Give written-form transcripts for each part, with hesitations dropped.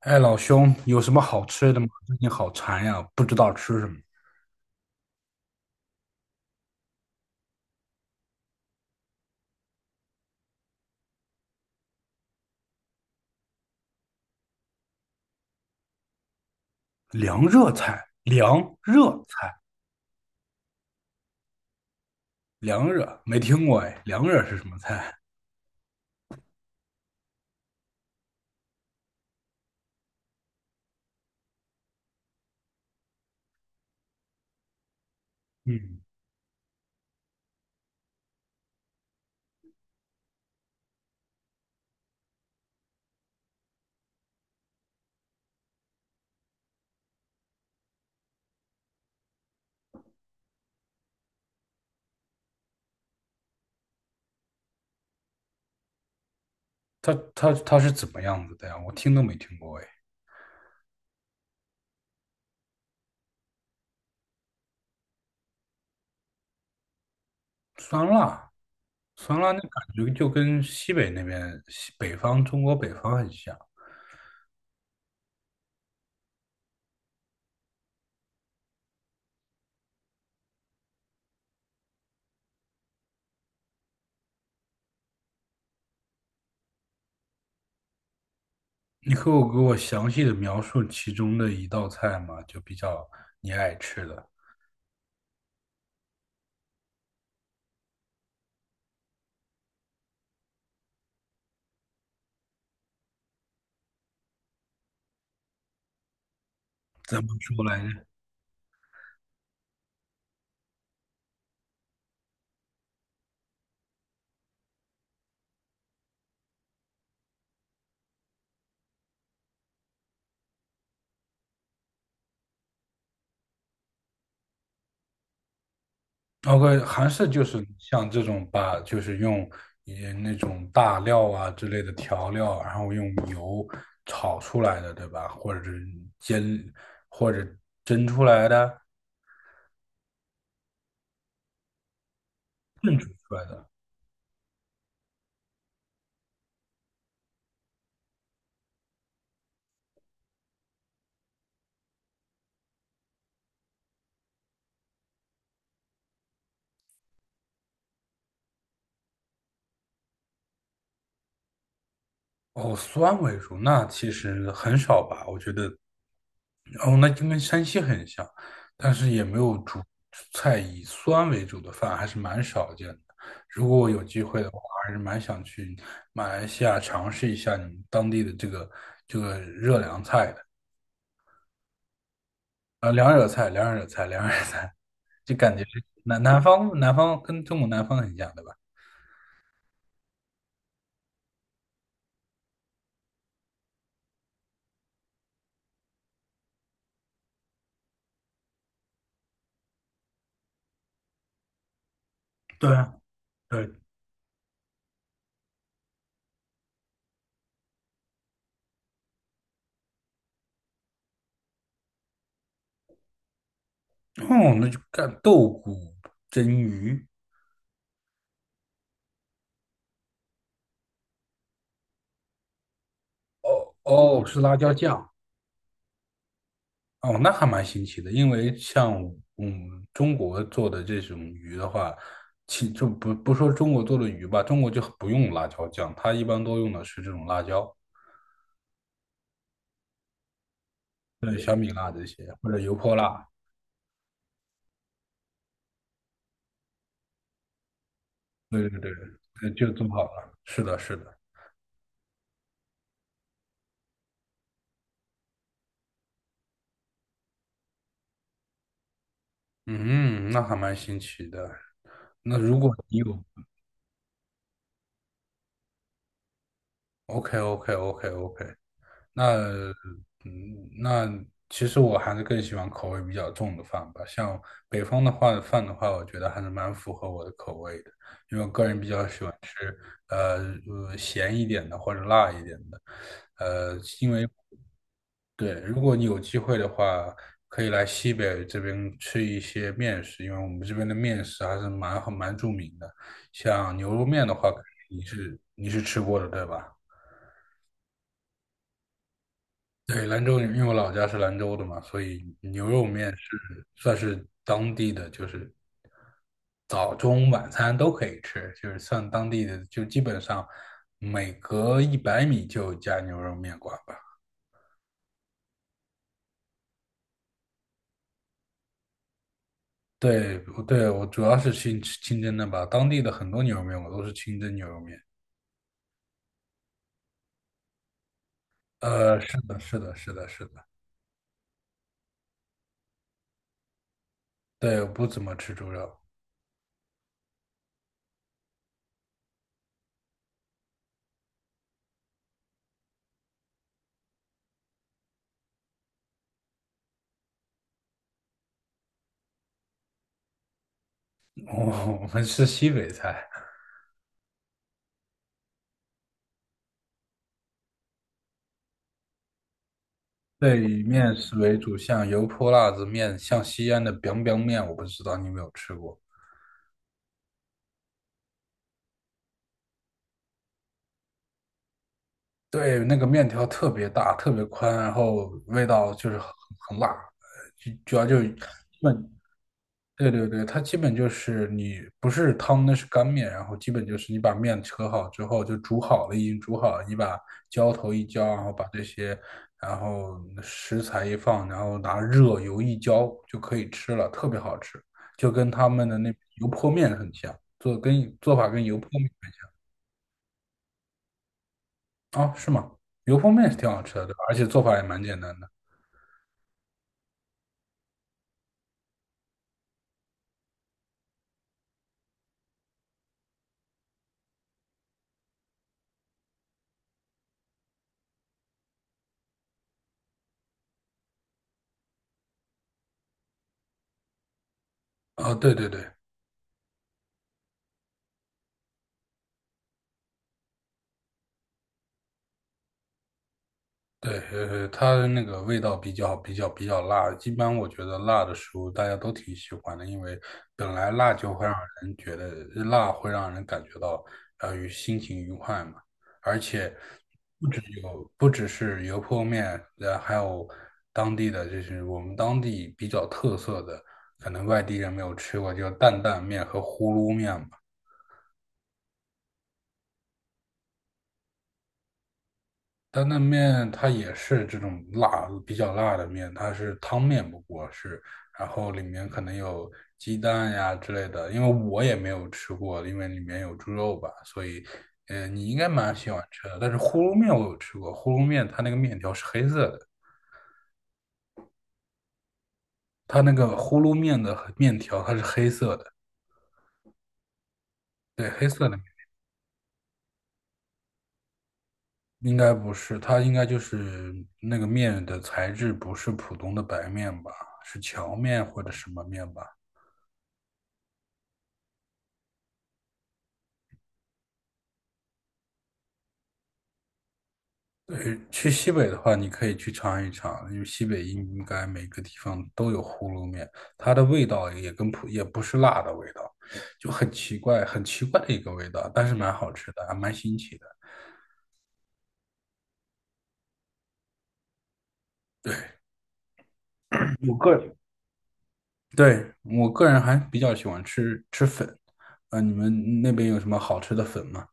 哎，老兄，有什么好吃的吗？最近好馋呀，不知道吃什么。凉热菜，凉热菜，凉热，没听过哎。凉热是什么菜？嗯，它是怎么样子的呀？我听都没听过哎。酸辣，酸辣那感觉就跟西北那边，西北方中国北方很像。你可以给我详细的描述其中的一道菜吗？就比较你爱吃的，怎么说来着？OK，还是就是像这种把，就是用也那种大料啊之类的调料，然后用油炒出来的，对吧？或者是煎，或者蒸出来的，炖煮出来的。哦，酸为主，那其实很少吧，我觉得，哦，那就跟山西很像，但是也没有主菜以酸为主的饭，还是蛮少见的。如果我有机会的话，还是蛮想去马来西亚尝试一下你们当地的这个热凉菜的，凉热菜，凉热菜，凉热菜，就感觉是南方跟中国南方很像，对吧？对啊，对，哦，那就干豆鼓蒸鱼。哦哦，是辣椒酱哦，那还蛮新奇的。因为像中国做的这种鱼的话，其就不说中国做的鱼吧，中国就不用辣椒酱，它一般都用的是这种辣椒，对小米辣这些或者油泼辣，对对对，对就做好了。是的，是的，嗯，那还蛮新奇的。那如果你有 o k o k o k o k 那那其实我还是更喜欢口味比较重的饭吧。像北方的话，饭的话，我觉得还是蛮符合我的口味的，因为我个人比较喜欢吃呃咸一点的或者辣一点的。因为对，如果你有机会的话，可以来西北这边吃一些面食，因为我们这边的面食还是蛮著名的。像牛肉面的话，你是吃过的，对吧？对，兰州，因为我老家是兰州的嘛，所以牛肉面是算是当地的，就是早中晚餐都可以吃，就是算当地的，就基本上每隔100米就有家牛肉面馆吧。对，对，我主要是清真的吧，当地的很多牛肉面我都是清真牛肉面。是的，是的，是的，是的，对，我不怎么吃猪肉，我我们吃西北菜。对以面食为主，像油泼辣子面，像西安的 biang biang 面，我不知道你有没有吃过。对，那个面条特别大，特别宽，然后味道就是很辣，呃就主要就基本对对对，它基本就是你不是汤，那是干面，然后基本就是你把面扯好之后就煮好了，已经煮好了，你把浇头一浇，然后把这些，然后食材一放，然后拿热油一浇就可以吃了，特别好吃，就跟他们的那油泼面很像，做法跟油泼面很像啊，是吗？油泼面是挺好吃的，对吧而且做法也蛮简单的。啊，对对对，对，它的那个味道比较辣，一般我觉得辣的食物大家都挺喜欢的，因为本来辣就会让人觉得辣会让人感觉到心情愉快嘛，而且不只是油泼面，还有当地的就是我们当地比较特色的，可能外地人没有吃过，就是担担面和呼噜面嘛。担担面它也是这种辣，比较辣的面，它是汤面不过是，然后里面可能有鸡蛋呀之类的，因为我也没有吃过，因为里面有猪肉吧，所以，你应该蛮喜欢吃的。但是呼噜面我有吃过，呼噜面它那个面条是黑色的，它那个呼噜面的面条它是黑色的，对，黑色的面应该不是，它应该就是那个面的材质不是普通的白面吧，是荞面或者什么面吧。对，去西北的话，你可以去尝一尝，因为西北应该每个地方都有葫芦面，它的味道也跟普也不是辣的味道，就很奇怪，很奇怪的一个味道，但是蛮好吃的，还蛮新奇的。对，我个人对，我个人还比较喜欢吃粉，啊、你们那边有什么好吃的粉吗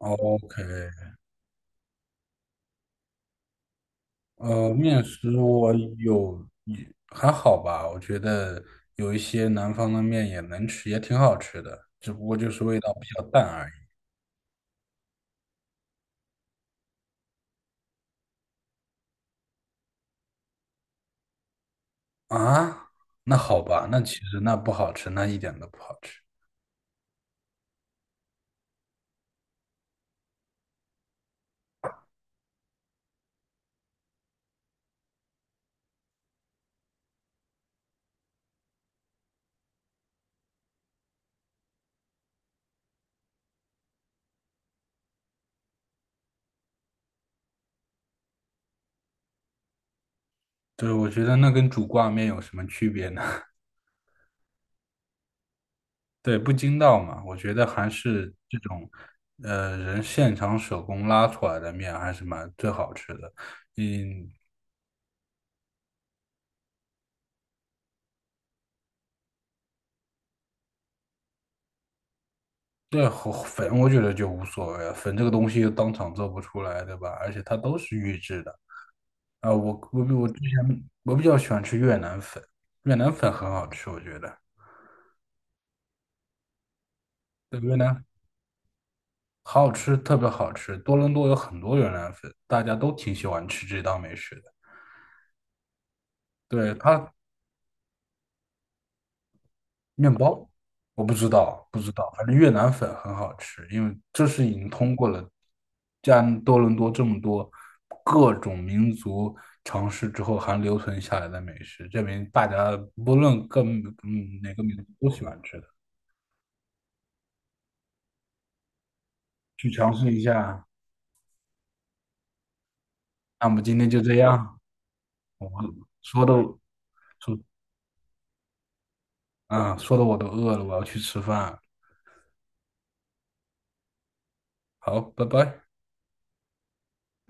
？OK，面食我有也还好吧，我觉得有一些南方的面也能吃，也挺好吃的，只不过就是味道比较淡而已。啊，那好吧，那其实那不好吃，那一点都不好吃。对，我觉得那跟煮挂面有什么区别呢？对，不筋道嘛，我觉得还是这种，人现场手工拉出来的面还是蛮最好吃的。嗯，对，和粉我觉得就无所谓了，粉这个东西又当场做不出来，对吧？而且它都是预制的啊。我比之前比较喜欢吃越南粉，越南粉很好吃，我觉得。对，越南好好吃，特别好吃。多伦多有很多越南粉，大家都挺喜欢吃这道美食的。对，它面包？我不知道，不知道，反正越南粉很好吃，因为这是已经通过了加多伦多这么多各种民族尝试之后还留存下来的美食，证明大家不论哪个民族都喜欢吃的，去尝试一下。那么今天就这样，我说的说啊，说的我都饿了，我要去吃饭。好，拜拜。